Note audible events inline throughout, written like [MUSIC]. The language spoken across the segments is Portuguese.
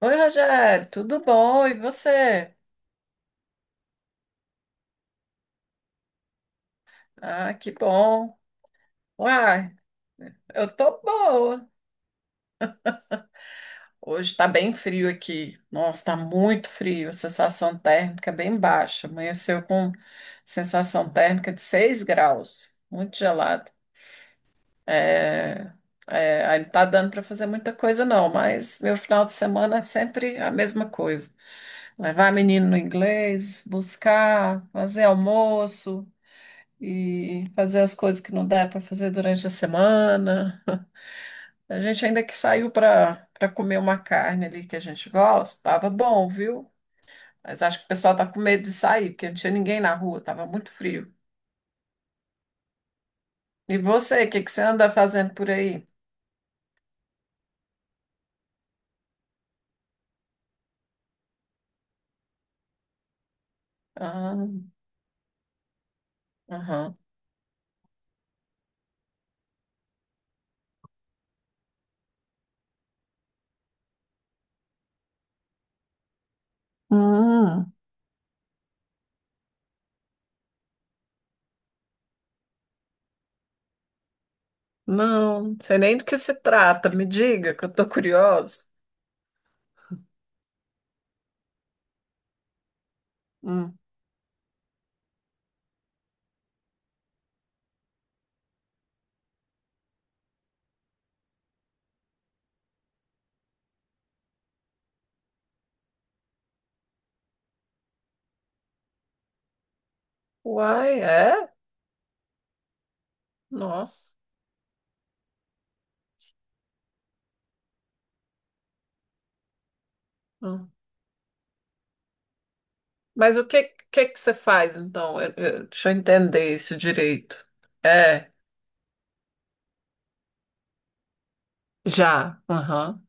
Oi, Rogério, tudo bom? E você? Ah, que bom. Uai, eu tô boa. Hoje tá bem frio aqui. Nossa, tá muito frio. A sensação térmica é bem baixa. Amanheceu com sensação térmica de 6 graus. Muito gelado. É, é, aí não tá dando para fazer muita coisa, não, mas meu final de semana é sempre a mesma coisa. Levar menino no inglês, buscar, fazer almoço. E fazer as coisas que não dá para fazer durante a semana. A gente ainda que saiu para comer uma carne ali que a gente gosta, tava bom, viu? Mas acho que o pessoal tá com medo de sair, porque não tinha ninguém na rua, tava muito frio. E você, o que que você anda fazendo por aí? Ah, aham. Hum, não, não sei nem do que se trata. Me diga, que eu tô curiosa. Hum. Uai, é? Nossa. Hum. Mas que você faz, então? Deixa eu entender isso direito. É, já. Aham,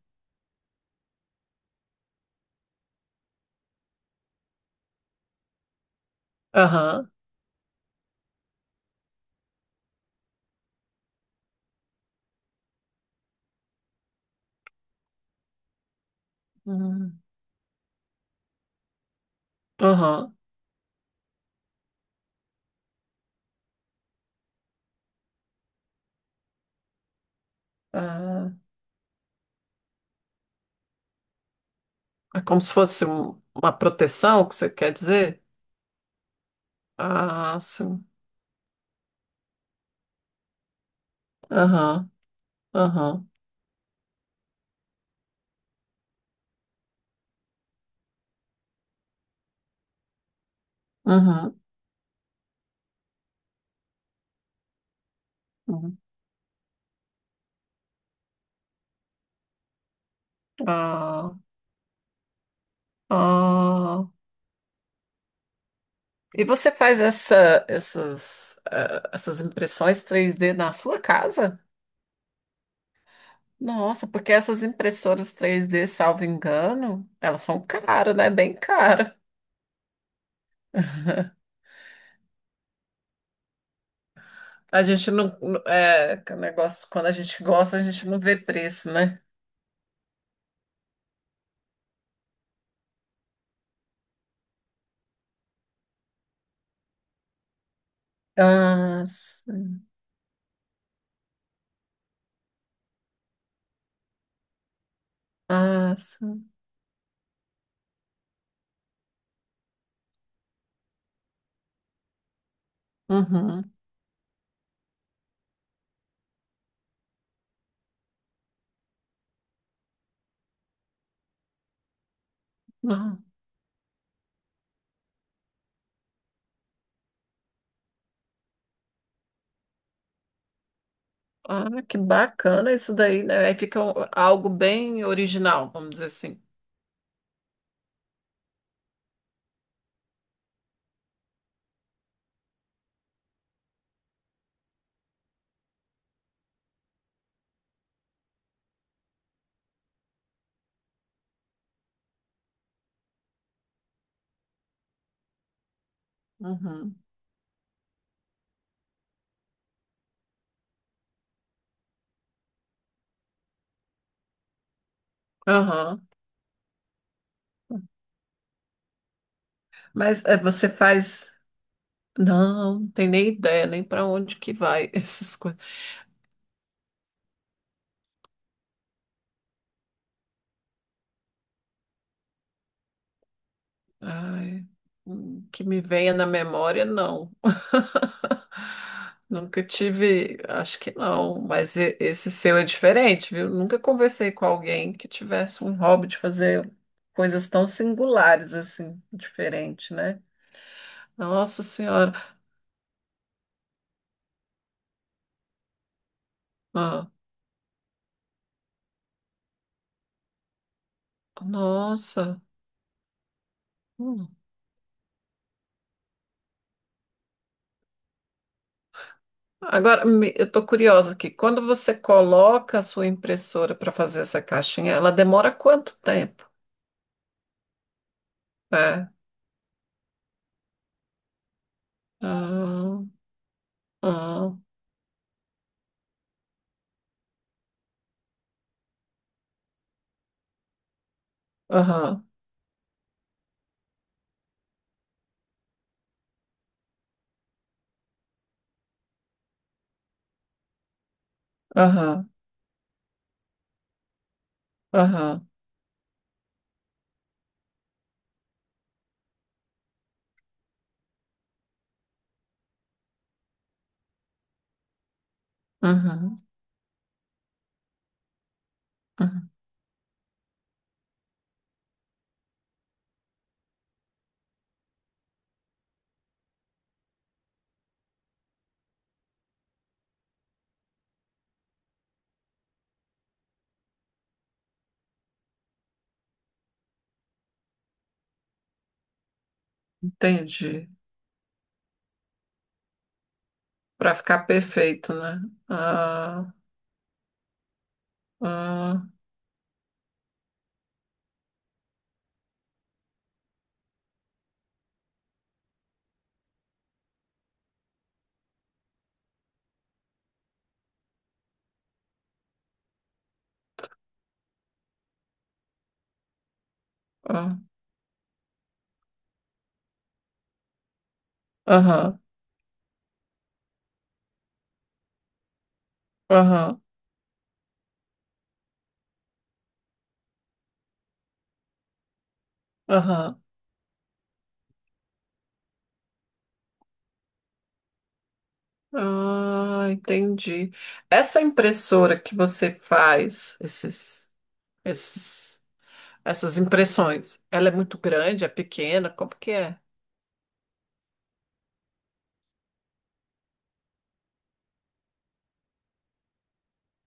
aham, hum, aham. Ah, é, como se fosse uma proteção, que você quer dizer? Ah, sim. Aham, aham, uhum, uhum. Ah, ah. E você faz essa, essas, essas impressões 3D na sua casa? Nossa, porque essas impressoras 3D, salvo engano, elas são caras, né? Bem caras. [LAUGHS] A gente é, que o negócio, quando a gente gosta, a gente não vê preço, né? Ah, sim. Ah, sim. Uhum. Ah, ah, que bacana isso daí, né? Aí fica algo bem original, vamos dizer assim. Uhum. Aham. Mas é, você faz. Não, tem nem ideia, nem para onde que vai [LAUGHS] essas coisas. Ai, que me venha na memória, não. [LAUGHS] Nunca tive, acho que não, mas esse seu é diferente, viu? Nunca conversei com alguém que tivesse um hobby de fazer coisas tão singulares assim, diferente, né? Nossa Senhora, ah, nossa. Hum. Agora, eu tô curiosa aqui. Quando você coloca a sua impressora para fazer essa caixinha, ela demora quanto tempo? É. Ah, ah. Aham, aham, aham, aham, aham. Entendi. Para ficar perfeito, né? Ah, ah, ah. Aham, aham, aham. Ah, entendi. Essa impressora que você faz, esses, essas impressões, ela é muito grande, é pequena? Como que é?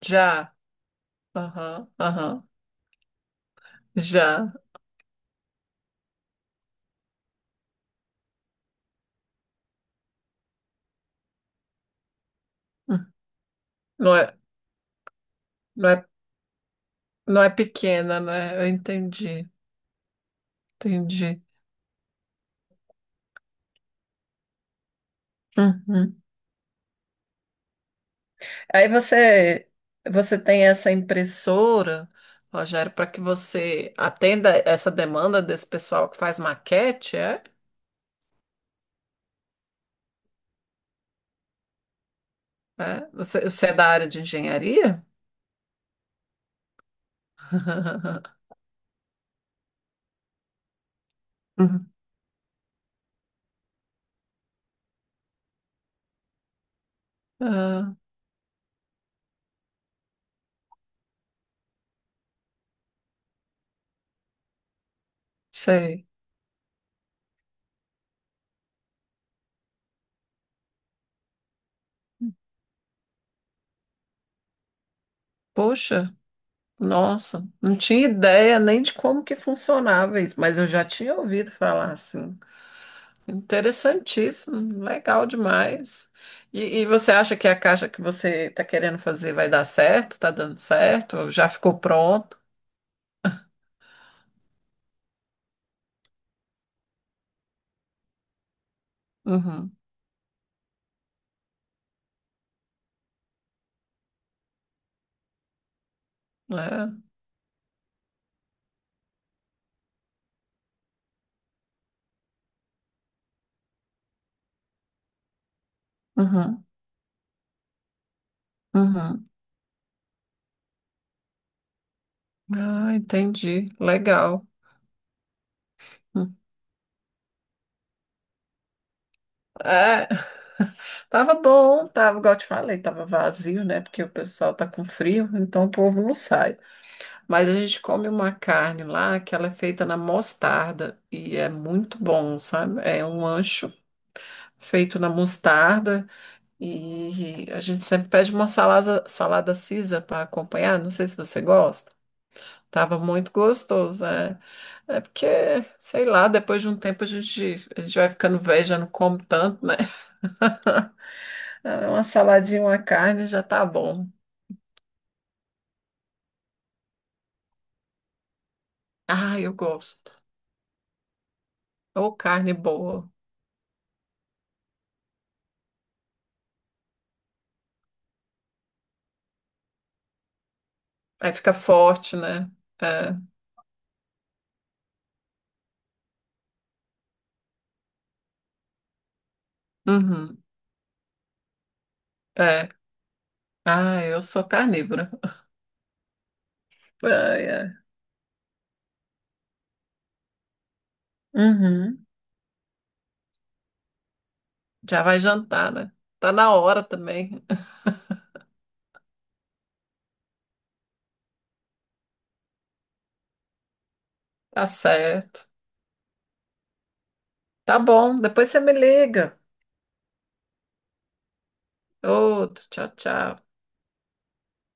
Já. Aham, aham. Já. Hum. Não é, não é, não é pequena, né? Entendi. Uhum. Aí você tem essa impressora, Rogério, para que você atenda essa demanda desse pessoal que faz maquete, é? É? Você é da área de engenharia? [LAUGHS] Uhum. Ah, sei. Poxa, nossa, não tinha ideia nem de como que funcionava isso, mas eu já tinha ouvido falar assim. Interessantíssimo, legal demais. E você acha que a caixa que você está querendo fazer vai dar certo? Está dando certo? Já ficou pronto? Uhum, é, uhum, uhum. Ah, entendi. Legal. Hum. É, tava bom, tava, igual eu te falei, tava vazio, né? Porque o pessoal tá com frio, então o povo não sai. Mas a gente come uma carne lá que ela é feita na mostarda e é muito bom, sabe? É um ancho feito na mostarda. E a gente sempre pede uma salada, salada Caesar para acompanhar. Não sei se você gosta. Tava muito gostoso, é. É porque, sei lá, depois de um tempo a gente vai ficando velho, já não come tanto, né? [LAUGHS] É, uma saladinha, uma carne já tá bom. Ah, eu gosto. Ou carne boa. Aí fica forte, né? É. Uhum. É. Ah, eu sou carnívora. [LAUGHS] Ai, ai. Uhum. Já vai jantar, né? Tá na hora também. Tá certo. Tá bom, depois você me liga. Outro, tchau, tchau.